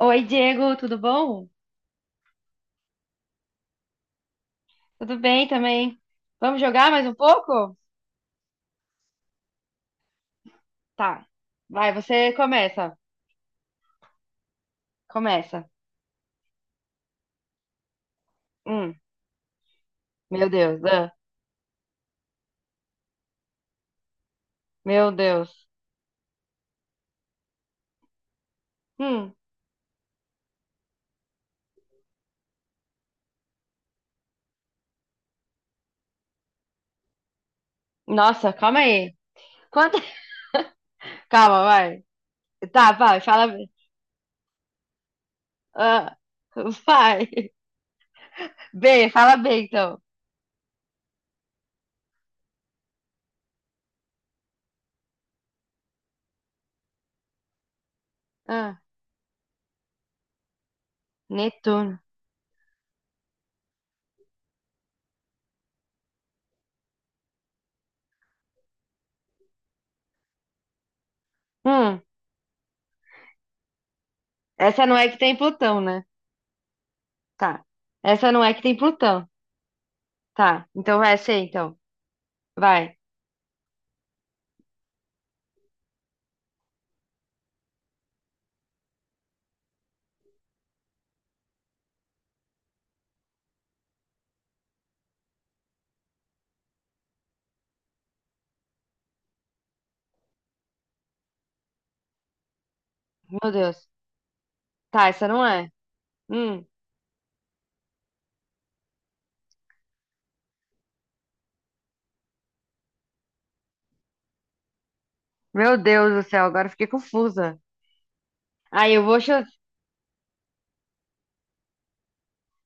Oi, Diego, tudo bom? Tudo bem também. Vamos jogar mais um pouco? Tá. Vai, você começa. Começa. Hum, meu Deus. Meu Deus. Hum, nossa, calma aí. Quanto... Calma, vai. Tá, vai, fala B. Ah, Vai. B, fala B então. Ah, Netuno. Hum, Essa não é que tem Plutão, né? Tá. Essa não é que tem Plutão. Tá, então vai ser então. Vai. Meu Deus. Tá, essa não é. Hum. Meu Deus do céu, agora eu fiquei confusa. Aí eu vou chutar.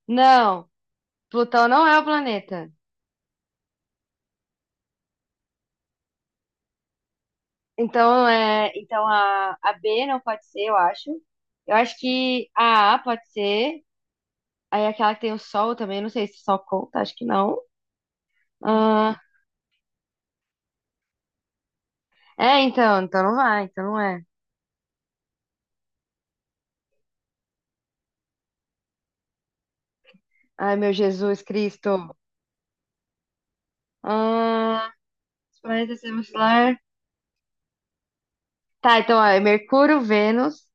Não, Plutão não é o planeta. Então é, então a B não pode ser, eu acho. Eu acho que a A pode ser. Aí aquela que tem o Sol também, não sei se o Sol conta, acho que não. Ah, é, então, então não vai, então não é. Ai, meu Jesus Cristo. Ah, os planetas do sistema solar. Tá, então ó, é Mercúrio, Vênus,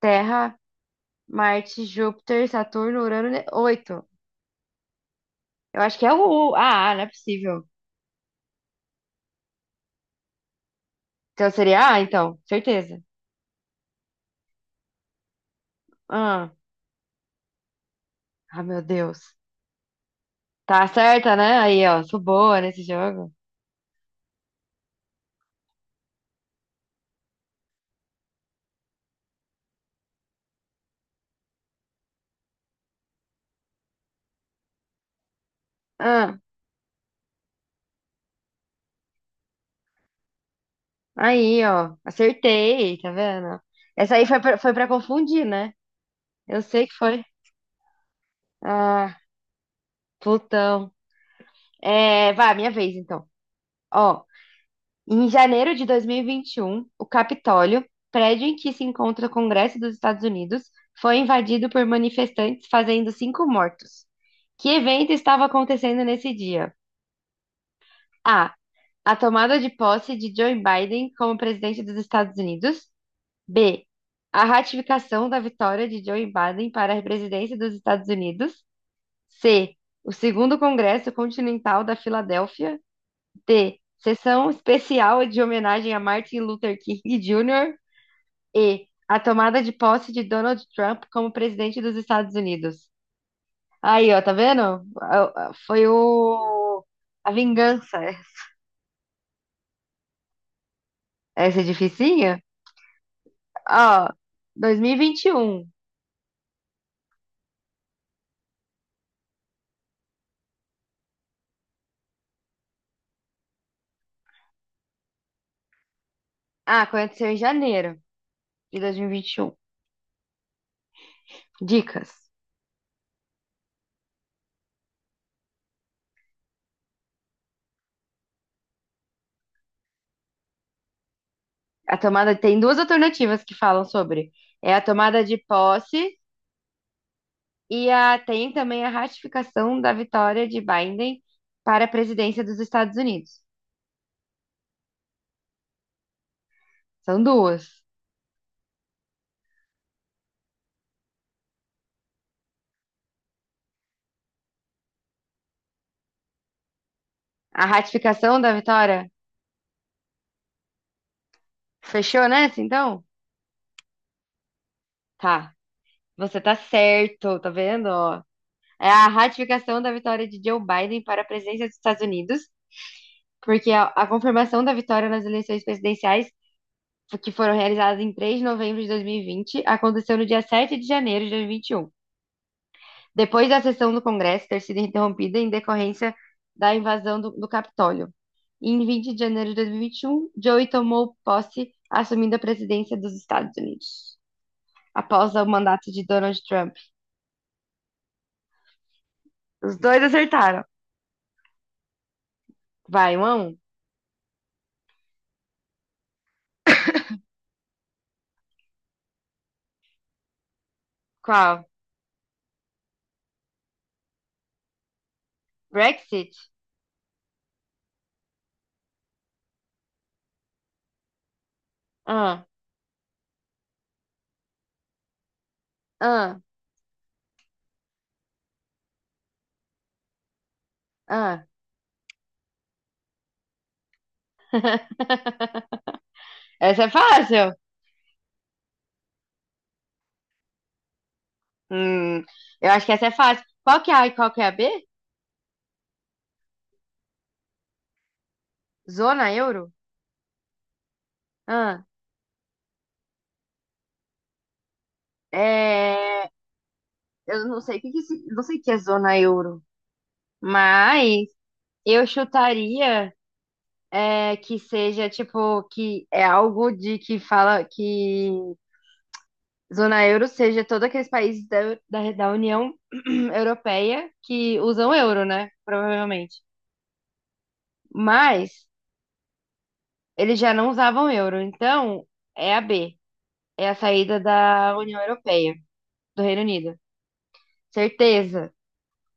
Terra, Marte, Júpiter, Saturno, Urano, oito. Eu acho que é o A, não é possível. Então seria A, então, certeza. Ah, meu Deus. Tá certa, né? Aí, ó, sou boa nesse jogo. Ah, aí, ó, acertei, tá vendo? Essa aí foi foi pra confundir, né? Eu sei que foi. Ah, Plutão. É, vai, minha vez, então. Ó, em janeiro de dois mil e vinte e um o Capitólio, prédio em que se encontra o Congresso dos Estados Unidos, foi invadido por manifestantes, fazendo 5 mortos. Que evento estava acontecendo nesse dia? A. A tomada de posse de Joe Biden como presidente dos Estados Unidos. B. A ratificação da vitória de Joe Biden para a presidência dos Estados Unidos. C. O segundo Congresso Continental da Filadélfia. D. Sessão especial de homenagem a Martin Luther King Jr. E. A tomada de posse de Donald Trump como presidente dos Estados Unidos. Aí, ó, tá vendo? Foi o... a vingança. Essa é dificinha? Ó, 2021. Ah, aconteceu em janeiro de 2021. Dicas. A tomada tem duas alternativas que falam sobre. É a tomada de posse e tem também a ratificação da vitória de Biden para a presidência dos Estados Unidos. São duas. A ratificação da vitória fechou nessa, então? Tá. Você tá certo, tá vendo? Ó, é a ratificação da vitória de Joe Biden para a presidência dos Estados Unidos porque a confirmação da vitória nas eleições presidenciais, que foram realizadas em 3 de novembro de 2020, aconteceu no dia 7 de janeiro de 2021, depois da sessão do Congresso ter sido interrompida em decorrência da invasão do Capitólio. Em 20 de janeiro de 2021, Joey tomou posse, assumindo a presidência dos Estados Unidos, após o mandato de Donald Trump. Os dois acertaram. Vai, um a um. Qual? Brexit? Ah, ah, ah. Essa é fácil. Hum, eu acho que essa é fácil. Qual que é A e qual que é a B? Zona euro? Ah, é, eu não sei o que que, não sei o que é zona euro, mas eu chutaria é, que seja tipo que é algo de que fala que zona euro seja todos aqueles países da União Europeia que usam euro, né? Provavelmente. Mas eles já não usavam euro, então é a B, é a saída da União Europeia, do Reino Unido. Certeza.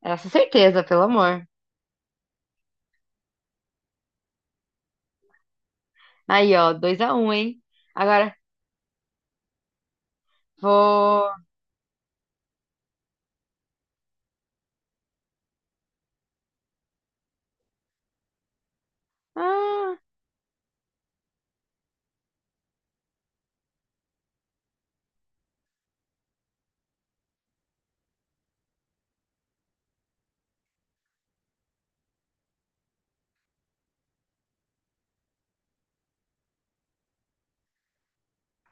Essa certeza, pelo amor. Aí, ó, dois a um, hein? Agora vou. Ah,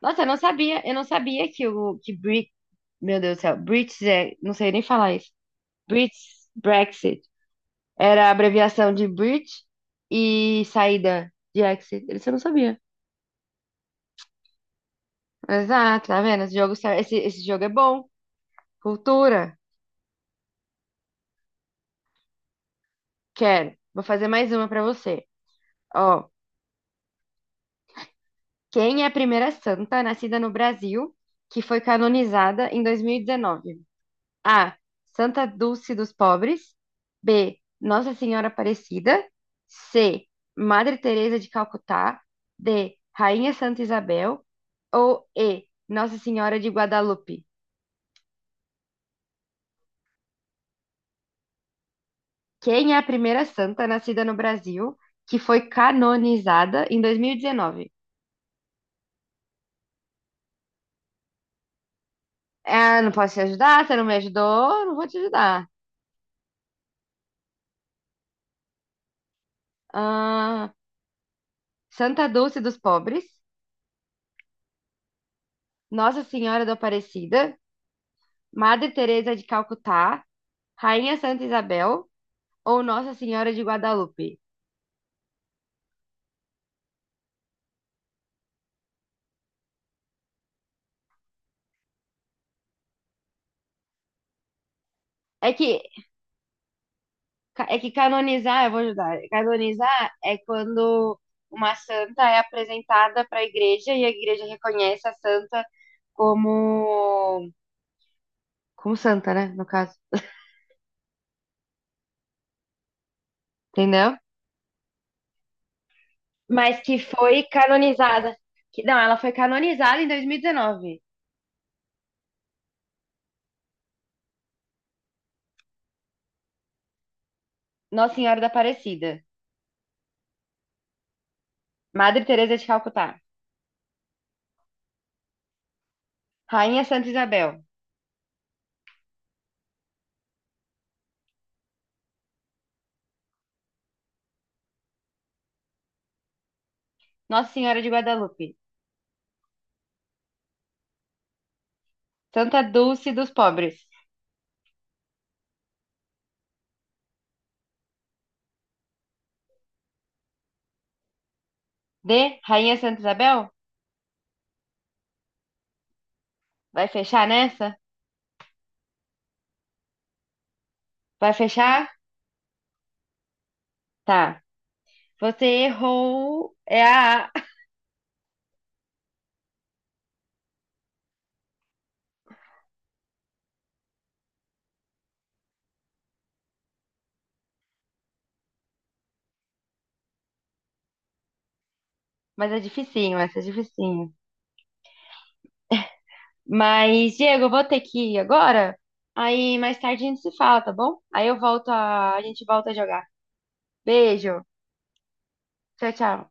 nossa, eu não sabia que o que Brit, meu Deus do céu, Brits é, não sei nem falar isso. Brits Brexit era a abreviação de Brit e saída de exit. Isso eu não sabia. Exato, tá vendo? Esse jogo, esse jogo é bom. Cultura. Quero. Vou fazer mais uma pra você. Ó, quem é a primeira santa nascida no Brasil que foi canonizada em 2019? A. Santa Dulce dos Pobres. B. Nossa Senhora Aparecida. C. Madre Teresa de Calcutá. D. Rainha Santa Isabel. Ou E. Nossa Senhora de Guadalupe. Quem é a primeira santa nascida no Brasil que foi canonizada em 2019? Ah, não posso te ajudar, você não me ajudou, não vou te ajudar. Ah. Santa Dulce dos Pobres, Nossa Senhora da Aparecida, Madre Teresa de Calcutá, Rainha Santa Isabel ou Nossa Senhora de Guadalupe. É que é que canonizar, eu vou ajudar. Canonizar é quando uma santa é apresentada para a igreja e a igreja reconhece a santa como como santa, né, no caso. Entendeu? Mas que foi canonizada. Que, não, ela foi canonizada em 2019. Nossa Senhora da Aparecida. Madre Teresa de Calcutá. Rainha Santa Isabel, Nossa Senhora de Guadalupe, Santa Dulce dos Pobres. D, Rainha Santa Isabel? Vai fechar nessa? Vai fechar? Tá. Você errou. É a A. Mas é dificinho, essa é dificinho. Mas, Diego, eu vou ter que ir agora. Aí mais tarde a gente se fala, tá bom? Aí eu volto a gente volta a jogar. Beijo. Tchau, tchau.